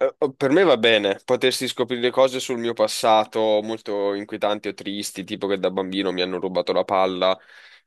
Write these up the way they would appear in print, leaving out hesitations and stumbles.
Eh, oh, per me va bene potersi scoprire cose sul mio passato molto inquietanti o tristi, tipo che da bambino mi hanno rubato la palla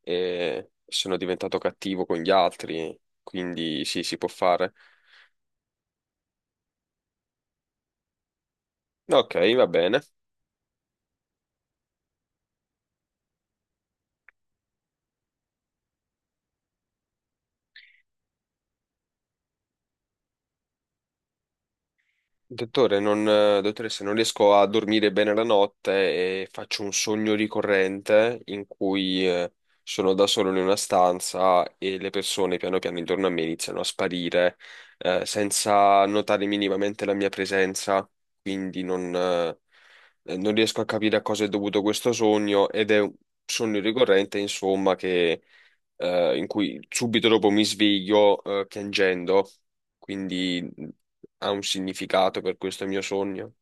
e sono diventato cattivo con gli altri, quindi sì, si può fare. No, ok, va bene. Dottore, non, dottoressa, non riesco a dormire bene la notte e faccio un sogno ricorrente in cui sono da solo in una stanza e le persone piano piano intorno a me iniziano a sparire senza notare minimamente la mia presenza, quindi non riesco a capire a cosa è dovuto questo sogno ed è un sogno ricorrente, insomma, che in cui subito dopo mi sveglio piangendo, quindi ha un significato per questo mio sogno.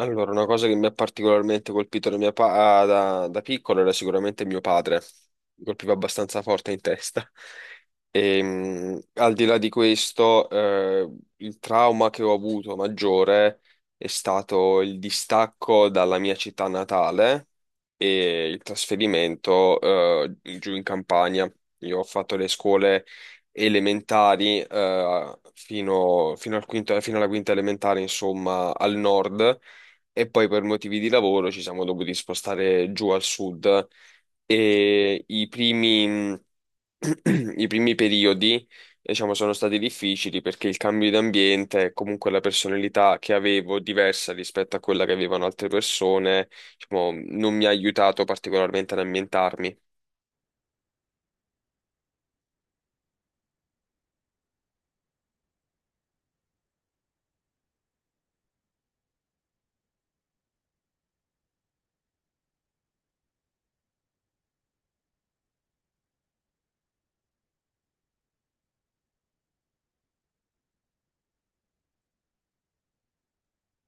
Allora, una cosa che mi ha particolarmente colpito da, mia pa- ah, da, da piccolo era sicuramente mio padre, mi colpiva abbastanza forte in testa. E, al di là di questo, il trauma che ho avuto maggiore è stato il distacco dalla mia città natale e il trasferimento, giù in Campania. Io ho fatto le scuole elementari, fino alla quinta elementare, insomma, al nord e poi per motivi di lavoro ci siamo dovuti spostare giù al sud e i primi periodi, diciamo, sono stati difficili perché il cambio di ambiente, e comunque la personalità che avevo diversa rispetto a quella che avevano altre persone, diciamo, non mi ha aiutato particolarmente ad ambientarmi.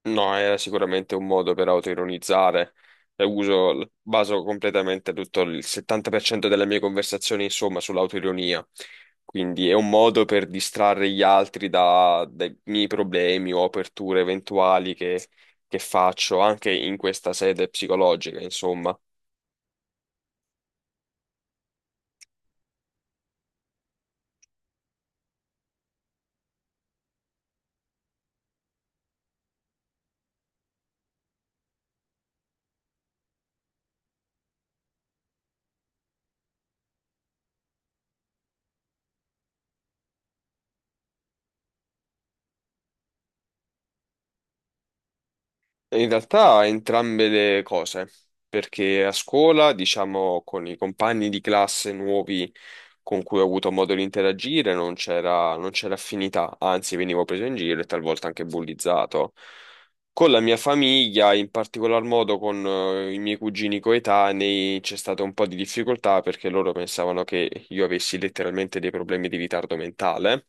No, era sicuramente un modo per autoironizzare. Baso completamente tutto il 70% delle mie conversazioni, insomma, sull'autoironia. Quindi è un modo per distrarre gli altri dai miei problemi o aperture eventuali che faccio anche in questa sede psicologica, insomma. In realtà entrambe le cose, perché a scuola, diciamo, con i compagni di classe nuovi con cui ho avuto modo di interagire, non c'era affinità, anzi venivo preso in giro e talvolta anche bullizzato. Con la mia famiglia, in particolar modo con i miei cugini coetanei, c'è stata un po' di difficoltà perché loro pensavano che io avessi letteralmente dei problemi di ritardo mentale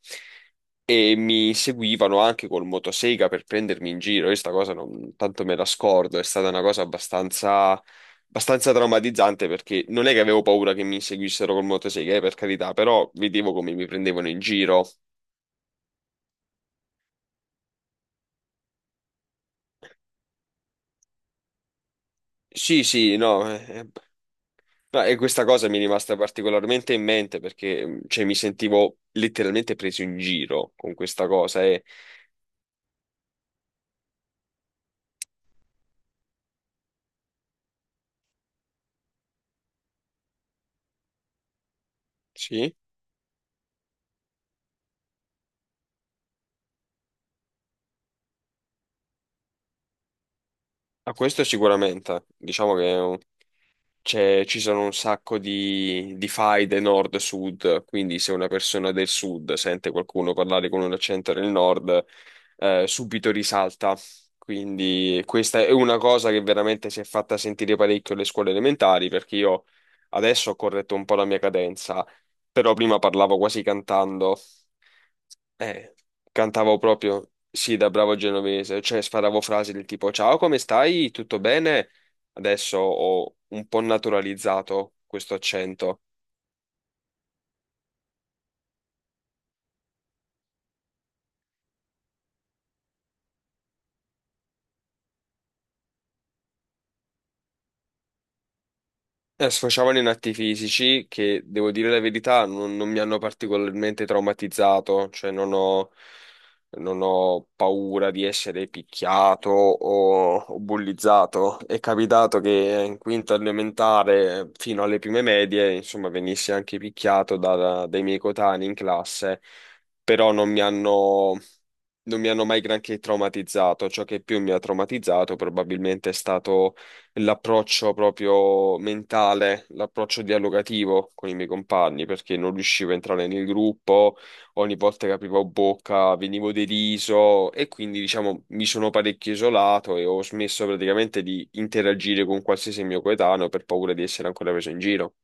e mi seguivano anche col motosega per prendermi in giro. Io sta cosa non tanto me la scordo, è stata una cosa abbastanza traumatizzante perché non è che avevo paura che mi seguissero col motosega, per carità, però vedevo come mi prendevano in giro. Sì, sì, no. E questa cosa mi è rimasta particolarmente in mente perché cioè, mi sentivo letteralmente preso in giro con questa cosa. E, sì, a questo sicuramente. Diciamo che ci sono un sacco di faide nord-sud, quindi se una persona del sud sente qualcuno parlare con un accento del nord, subito risalta. Quindi questa è una cosa che veramente si è fatta sentire parecchio alle scuole elementari, perché io adesso ho corretto un po' la mia cadenza, però prima parlavo quasi cantando. Eh, cantavo proprio, sì, da bravo genovese, cioè sparavo frasi del tipo: "Ciao, come stai? Tutto bene?" Adesso ho un po' naturalizzato questo accento. Sfociavano in atti fisici che, devo dire la verità, non mi hanno particolarmente traumatizzato, cioè non ho paura di essere picchiato o bullizzato. È capitato che in quinta elementare, fino alle prime medie, insomma, venissi anche picchiato dai miei coetanei in classe, però non mi hanno mai granché traumatizzato. Ciò che più mi ha traumatizzato probabilmente è stato l'approccio proprio mentale, l'approccio dialogativo con i miei compagni, perché non riuscivo a entrare nel gruppo, ogni volta che aprivo bocca venivo deriso e quindi diciamo mi sono parecchio isolato e ho smesso praticamente di interagire con qualsiasi mio coetaneo per paura di essere ancora preso in giro.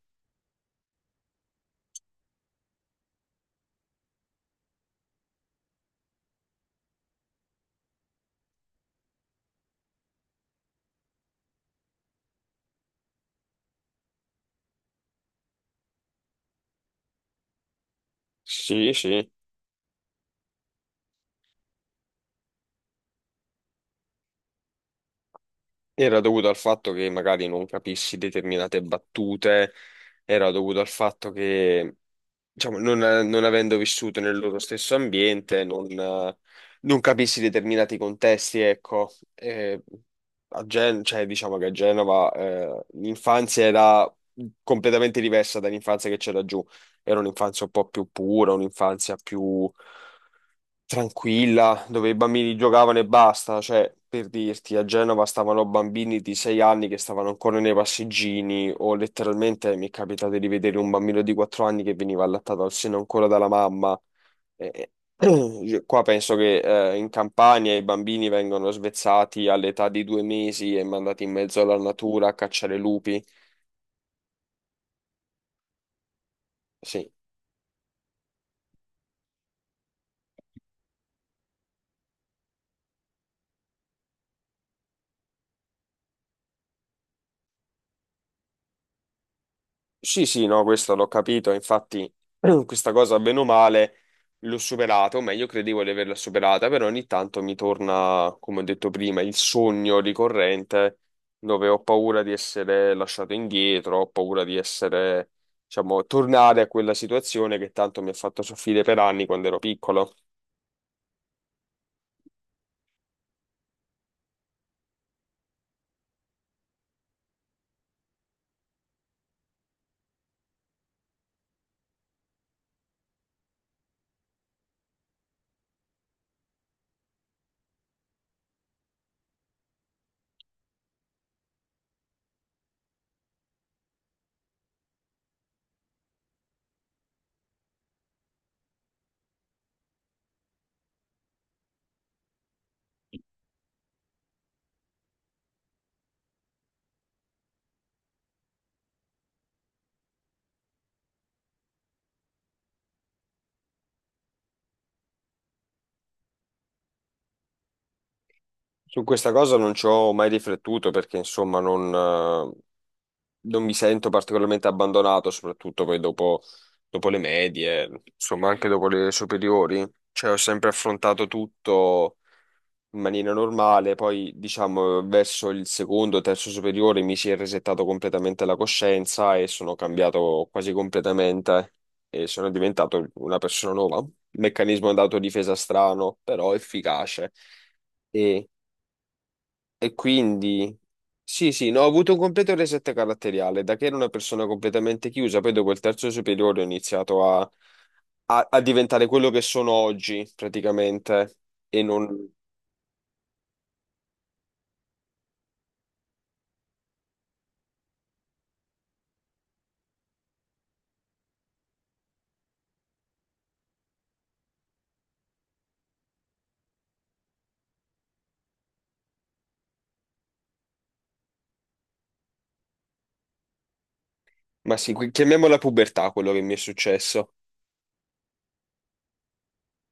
Sì, sì. Era dovuto al fatto che magari non capissi determinate battute, era dovuto al fatto che, diciamo, non avendo vissuto nel loro stesso ambiente, non capissi determinati contesti, ecco. Eh, cioè, diciamo che a Genova, l'infanzia era completamente diversa dall'infanzia che c'era giù. Era un'infanzia un po' più pura, un'infanzia più tranquilla, dove i bambini giocavano e basta, cioè per dirti, a Genova stavano bambini di 6 anni che stavano ancora nei passeggini o letteralmente mi è capitato di vedere un bambino di 4 anni che veniva allattato al seno ancora dalla mamma. E- qua penso che in Campania i bambini vengono svezzati all'età di 2 mesi e mandati in mezzo alla natura a cacciare lupi. Sì. Sì, sì, no, questo l'ho capito, infatti questa cosa bene o male l'ho superata, o meglio credevo di averla superata, però ogni tanto mi torna, come ho detto prima, il sogno ricorrente dove ho paura di essere lasciato indietro, ho paura di essere, diciamo, tornare a quella situazione che tanto mi ha fatto soffrire per anni quando ero piccolo. Su questa cosa non ci ho mai riflettuto perché, insomma, non mi sento particolarmente abbandonato, soprattutto poi dopo, dopo le medie, insomma anche dopo le superiori. Cioè ho sempre affrontato tutto in maniera normale, poi diciamo verso il secondo, terzo superiore mi si è resettato completamente la coscienza e sono cambiato quasi completamente e sono diventato una persona nuova. Meccanismo d'autodifesa strano, però efficace. E e quindi, sì, sì, no, ho avuto un completo reset caratteriale, da che ero una persona completamente chiusa, poi dopo il terzo superiore ho iniziato a diventare quello che sono oggi, praticamente, e non. Ma sì, chiamiamola pubertà quello che mi è successo.